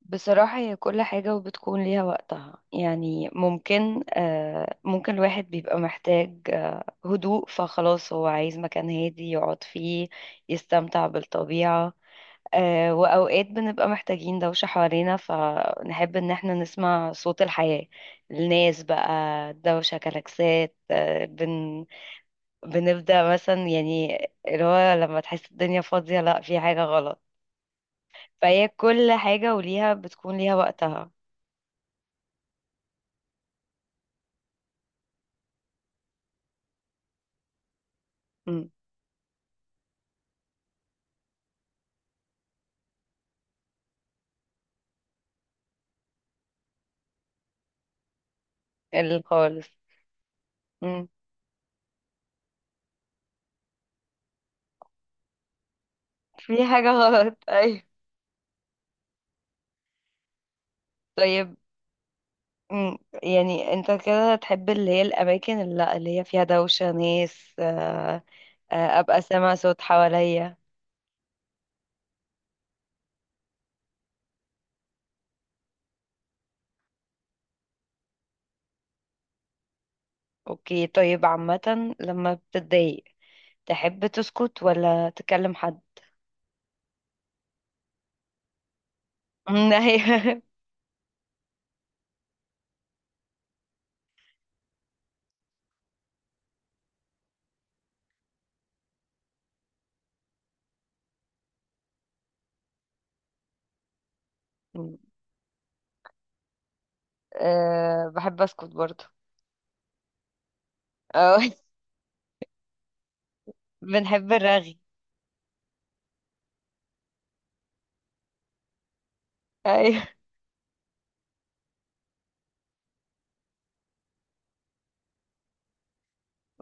بصراحة هي كل حاجة وبتكون ليها وقتها، يعني ممكن الواحد بيبقى محتاج هدوء، فخلاص هو عايز مكان هادي يقعد فيه يستمتع بالطبيعة. وأوقات بنبقى محتاجين دوشة حوالينا، فنحب إن احنا نسمع صوت الحياة، الناس بقى، دوشة، كلاكسات، آه، بن بنبدأ مثلا، يعني اللي هو لما تحس الدنيا فاضية، لأ في حاجة غلط. فهي كل حاجة وليها بتكون ليها وقتها خالص. مم. في حاجة غلط أيوة. طيب. مم. يعني انت كده تحب اللي هي الأماكن اللي هي فيها دوشة ناس. أبقى سامع صوت حواليا. أوكي، طيب، عامة لما بتتضايق تحب تسكت ولا تكلم حد؟ مم، أيوة. مم. أه، بحب أسكت برضه. أه بنحب الرغي. أيوة،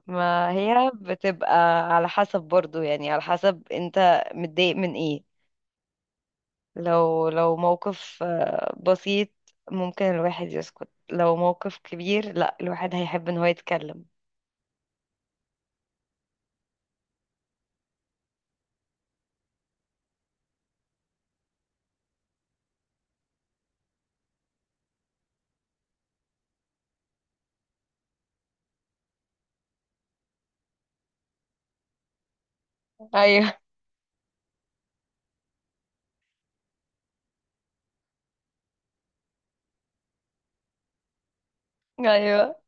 ما هي بتبقى على حسب برضه، يعني على حسب انت متضايق من ايه. لو موقف بسيط، ممكن الواحد يسكت. لو موقف كبير، لا، الواحد هيحب ان هو يتكلم. ايوه ايوه.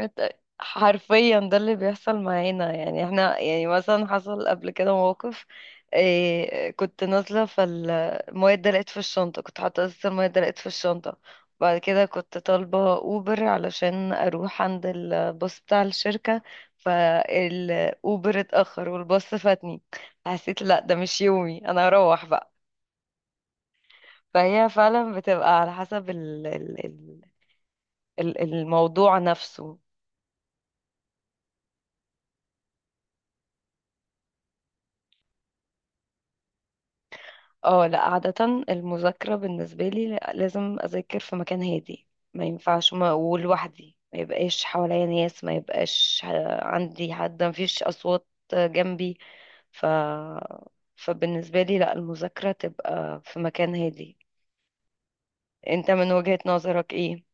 إت- حرفيا ده اللي بيحصل معانا، يعني احنا يعني مثلا حصل قبل كده موقف. إيه، كنت نازلة، فالمية اتدلقت في الشنطة، كنت حاطة أساس، المية اتدلقت في الشنطة. بعد كده كنت طالبة أوبر علشان أروح عند الباص بتاع الشركة، فالأوبر اتأخر والباص فاتني. حسيت لا ده مش يومي، أنا أروح بقى. فهي فعلا بتبقى على حسب الموضوع نفسه. اه لا، عادة المذاكرة بالنسبة لي لازم أذاكر في مكان هادي، ما ينفعش، ما ولوحدي، ما يبقاش حواليا ناس، ما يبقاش عندي حد، ما فيش أصوات جنبي. ف فبالنسبة لي لا، المذاكرة تبقى في مكان هادي. انت من وجهة نظرك ايه؟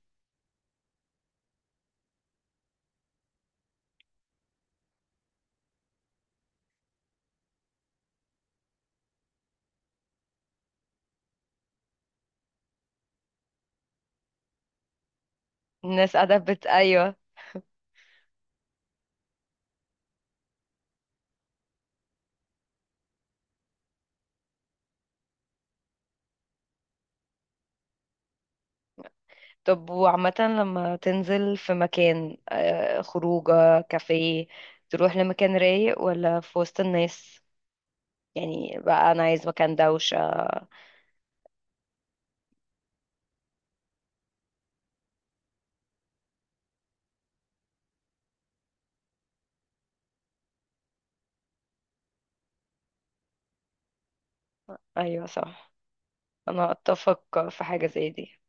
الناس قاعدة ايوه. طب وعامة لما تنزل في مكان، خروجة كافيه، تروح لمكان رايق ولا في وسط الناس؟ يعني بقى انا عايز مكان دوشة. ايوه صح، انا اتفق في حاجة زي دي.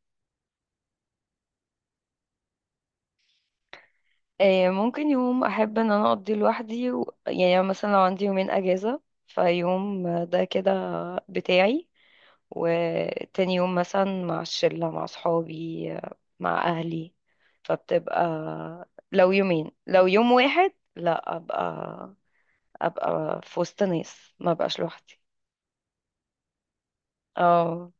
ممكن يوم احب ان انا اقضي لوحدي يعني أنا مثلا لو عندي يومين اجازة، فيوم ده كده بتاعي، وتاني يوم مثلا مع الشلة، مع صحابي، مع اهلي. فبتبقى، لو يومين، لو يوم واحد لا، ابقى في وسط ناس، ما بقاش لوحدي. اه،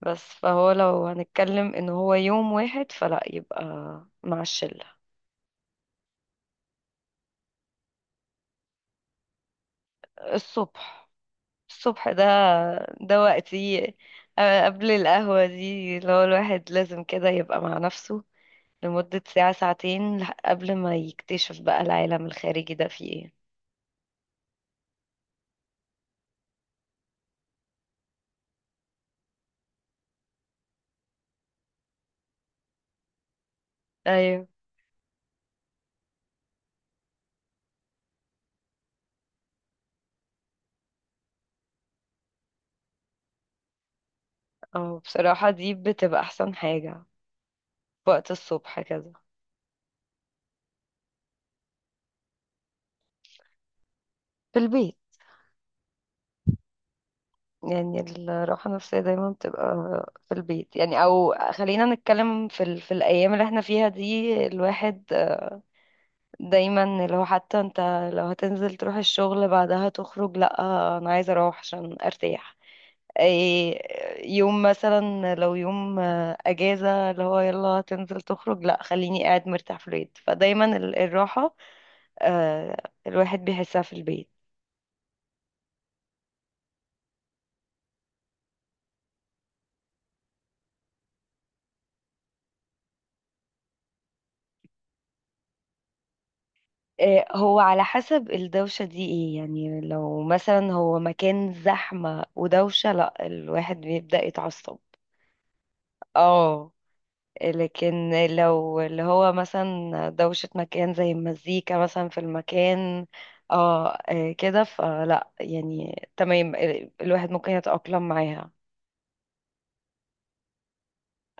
بس فهو لو هنتكلم ان هو يوم واحد، فلا، يبقى مع الشلة. الصبح. الصبح ده وقتي. قبل القهوة دي، اللي هو الواحد لازم كده يبقى مع نفسه لمدة ساعة ساعتين، قبل ما يكتشف بقى العالم الخارجي ده فيه ايه. ايوه اه، بصراحة دي بتبقى احسن حاجة، وقت الصبح كده. في البيت. يعني الراحة النفسية دايما بتبقى في البيت، يعني أو خلينا نتكلم في الأيام اللي احنا فيها دي، الواحد دايما اللي هو، حتى انت لو هتنزل تروح الشغل بعدها تخرج، لأ، أنا عايزة أروح عشان أرتاح. إيه، يوم مثلا لو يوم أجازة، اللي هو يلا هتنزل تخرج، لأ، خليني قاعد مرتاح في البيت. فدايما الراحة آه، الواحد بيحسها في البيت. هو على حسب الدوشة دي ايه، يعني لو مثلا هو مكان زحمة ودوشة، لا، الواحد بيبدأ يتعصب. اه لكن لو اللي هو مثلا دوشة مكان زي المزيكا مثلا في المكان، اه، كده فلا، يعني تمام، الواحد ممكن يتأقلم معاها.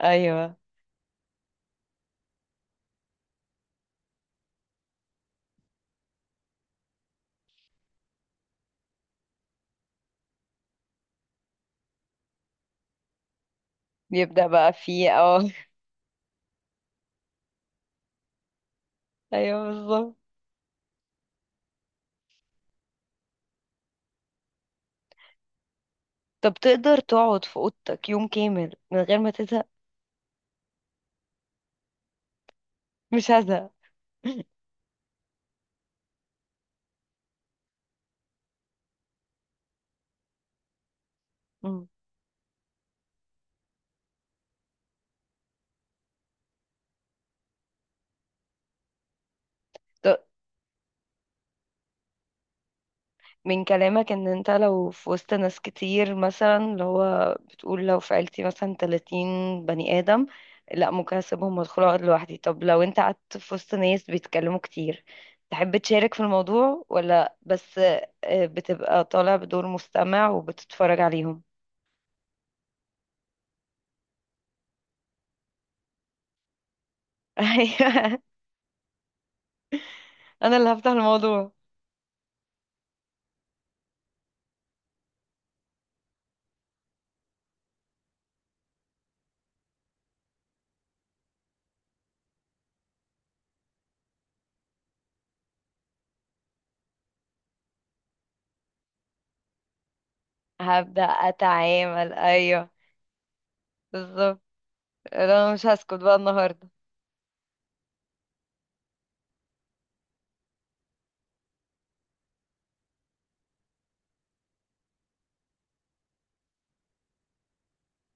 ايوه بيبدأ بقى فيه اه ايوه بالظبط. طب تقدر تقعد في اوضتك يوم كامل من غير ما تزهق؟ مش هزهق مم. من كلامك ان انت لو في وسط ناس كتير، مثلا اللي هو بتقول لو في عيلتي مثلا 30 بني ادم، لا، ممكن اسيبهم وادخل اقعد لوحدي. طب لو انت قعدت في وسط ناس بيتكلموا كتير، تحب تشارك في الموضوع ولا بس بتبقى طالع بدور مستمع وبتتفرج عليهم؟ ايوه، انا اللي هفتح الموضوع. هبدأ اتعامل، ايوه بالظبط. لا، انا مش هسكت بقى النهارده.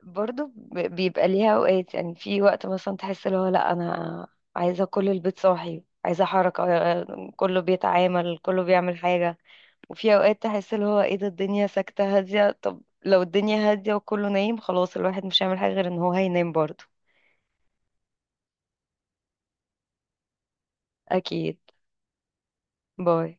برضو بيبقى ليها اوقات، يعني في وقت مثلا تحس اللي هو لا، انا عايزه كل البيت صاحي، عايزه حركه، كله بيتعامل، كله بيعمل حاجه. وفي اوقات تحس اللي هو ايه ده، الدنيا ساكته هاديه. طب لو الدنيا هاديه وكله نايم، خلاص الواحد مش هيعمل حاجه غير ان هو هينام برضو. اكيد. باي.